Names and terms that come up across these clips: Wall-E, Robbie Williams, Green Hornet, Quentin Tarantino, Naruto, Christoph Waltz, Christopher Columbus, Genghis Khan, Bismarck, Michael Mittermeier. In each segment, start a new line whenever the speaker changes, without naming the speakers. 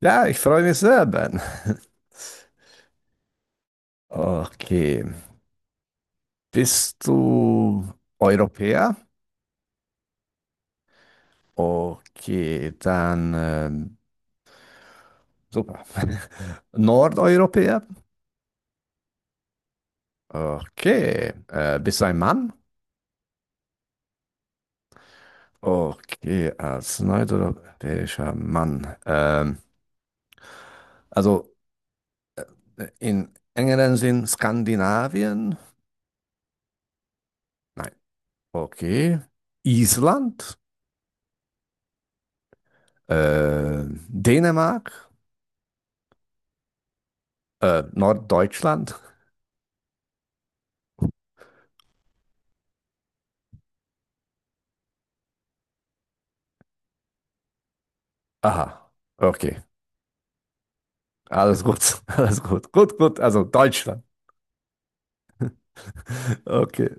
Ja, ich freue mich sehr, Ben. Okay. Bist du Europäer? Okay, dann super. Nordeuropäer? Okay. Bist du ein Mann? Okay, als nordeuropäischer Mann. Also in engeren Sinn Skandinavien? Nein. Okay. Island? Dänemark? Norddeutschland? Aha, okay. Alles gut, alles gut. Gut, gut, also Deutschland. Okay,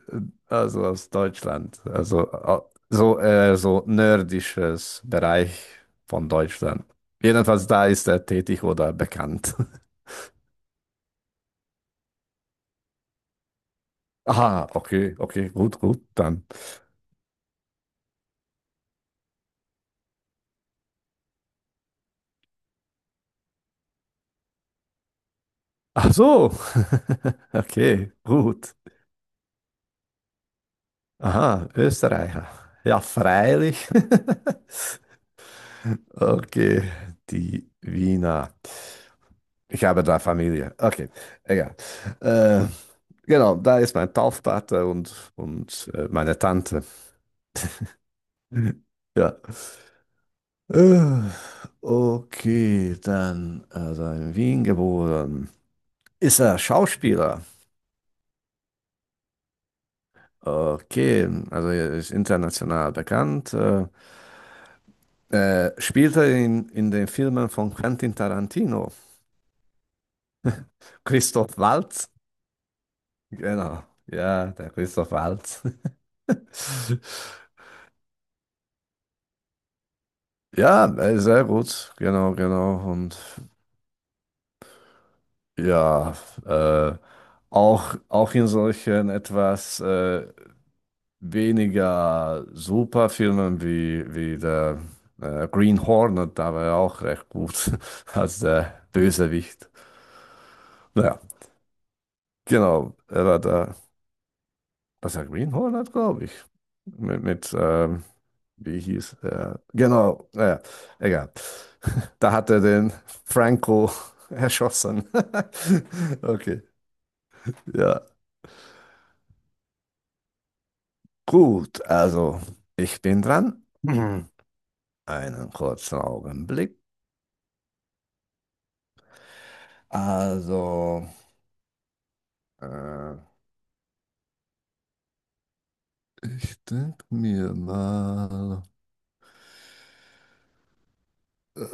also aus Deutschland. Also so, so nördisches Bereich von Deutschland. Jedenfalls da ist er tätig oder bekannt. Aha, okay, okay, gut, gut, dann. Ach so, okay, gut. Aha, Österreicher. Ja, freilich. Okay, die Wiener. Ich habe da Familie. Okay, egal. Äh, genau, da ist mein Taufpate und, und meine Tante. Ja. Äh, okay, dann, also in Wien geboren. Ist er Schauspieler? Okay, also er ist international bekannt. Spielt er in den Filmen von Quentin Tarantino? Christoph Waltz? Genau, ja, der Christoph Waltz. Ja, sehr gut, genau, genau. Und ja, äh, auch, auch in solchen etwas weniger super Filmen wie der Green Hornet, da war er auch recht gut als der Bösewicht. Naja, genau, er war da, was der Green Hornet, glaube ich, mit wie hieß er? Genau, naja, egal. Da hat er den Franco erschossen. Okay, ja. Gut, also ich bin dran. Mhm. Einen kurzen Augenblick. Also, äh, ich denke mir mal, äh,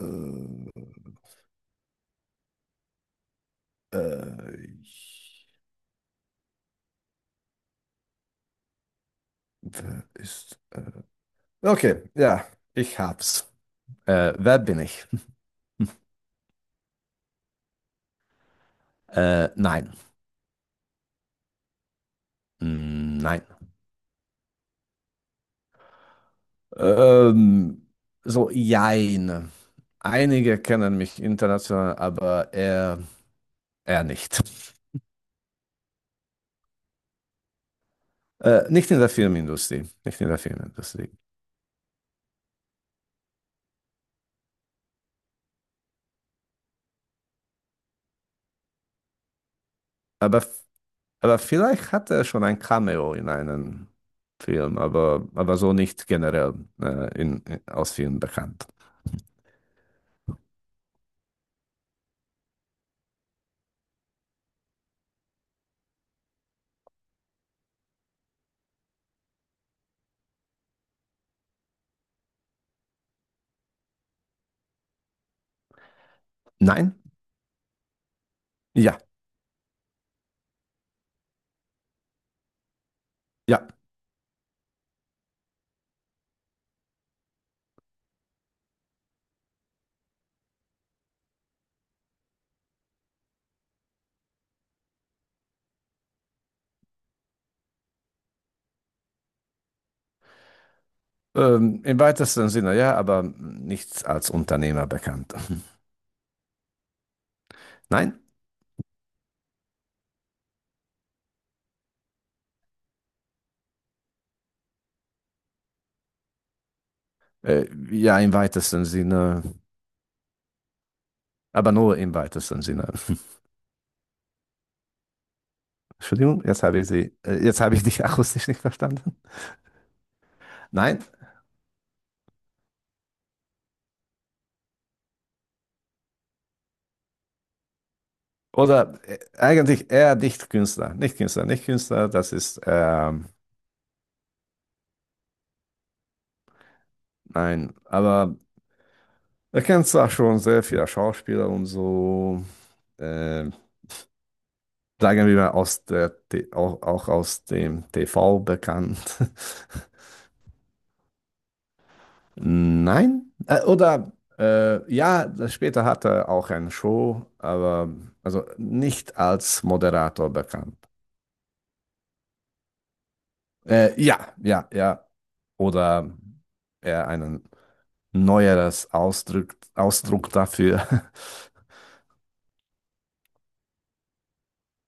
äh, ich- wer ist... Okay, ja, ich hab's. Wer bin ich? Nein. Nein. Ähm, so, jein. Einige kennen mich international, aber er nicht. Nicht in der Filmindustrie, nicht in der Filmindustrie. Aber, aber vielleicht hat er schon ein Cameo in einem Film, aber so nicht generell in, aus Filmen bekannt. Nein? Ja, ja. Im weitesten Sinne ja, aber nichts als Unternehmer bekannt. Nein? Äh, ja, im weitesten Sinne, aber nur im weitesten Sinne. Entschuldigung, jetzt habe ich jetzt habe ich dich akustisch nicht verstanden. Nein? Oder eigentlich eher nicht Künstler. Nicht Künstler, nicht Künstler, das ist, nein, aber er kennt zwar schon sehr viele Schauspieler und so, äh, sagen wir mal aus auch, auch aus dem TV bekannt. Nein, oder ja, das- später hat er auch eine Show, aber also nicht als Moderator bekannt. Ja, ja, ja. Oder er einen neueres Ausdruck dafür.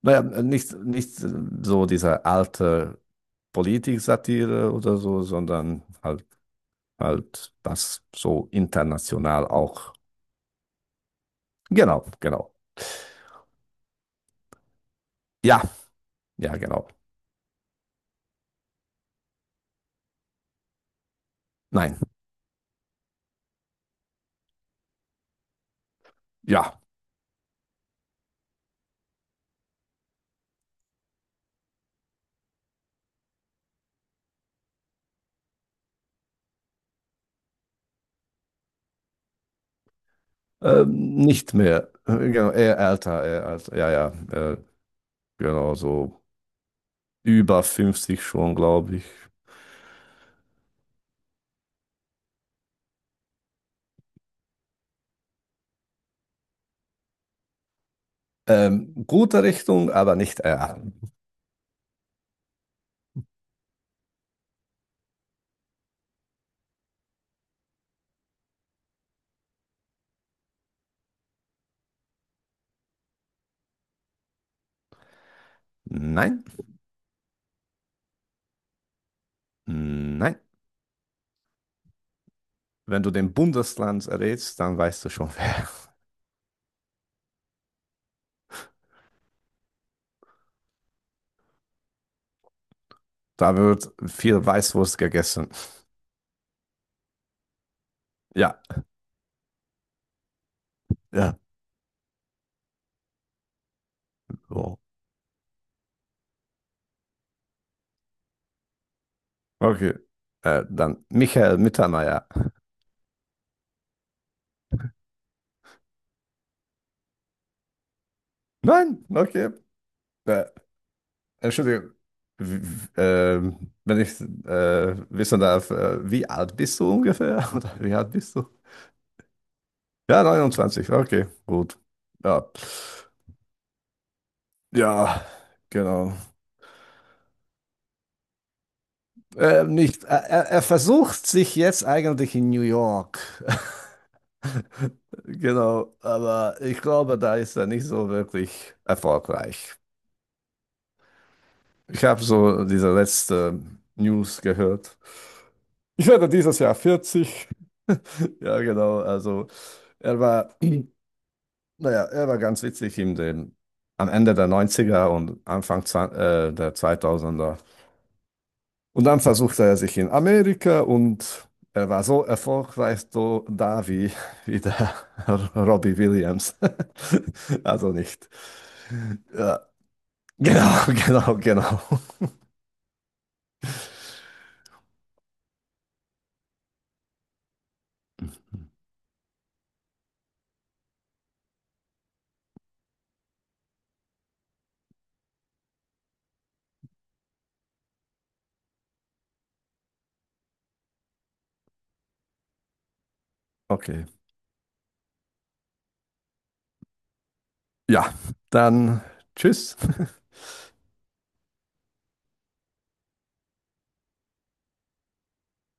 Naja, nicht, nicht so diese alte Politik-Satire oder so, sondern halt, halt das so international auch. Genau, genau. Ja, ja, genau. Nein, ja. Nicht mehr. Genau, eher älter, eher älter. Ja, ja, genau, so über 50 schon, glaube ich. Gute Richtung, aber nicht eher. Nein, nein. Wenn du den Bundesland errätst, dann weißt du schon, wer. Da wird viel Weißwurst gegessen. Ja, ja. So. Okay. Dann Michael Mittermeier. Nein, okay. Äh, Entschuldigung, wenn ich wissen darf, wie alt bist du ungefähr? Oder wie alt bist du? Ja, 29. Okay, gut. Ja, ja, genau. Nicht, er versucht sich jetzt eigentlich in New York. Genau, aber ich glaube, da ist er nicht so wirklich erfolgreich. Ich habe so diese letzte News gehört. Ich werde dieses Jahr 40. Ja, genau, also er war. Naja, er war ganz witzig in den, am Ende der Neunziger und Anfang der zweitausender. Und dann versuchte er sich in Amerika und er war so erfolgreich so da wie der Robbie Williams. Also nicht. Ja, genau, genau, genau. Okay. Ja, dann tschüss.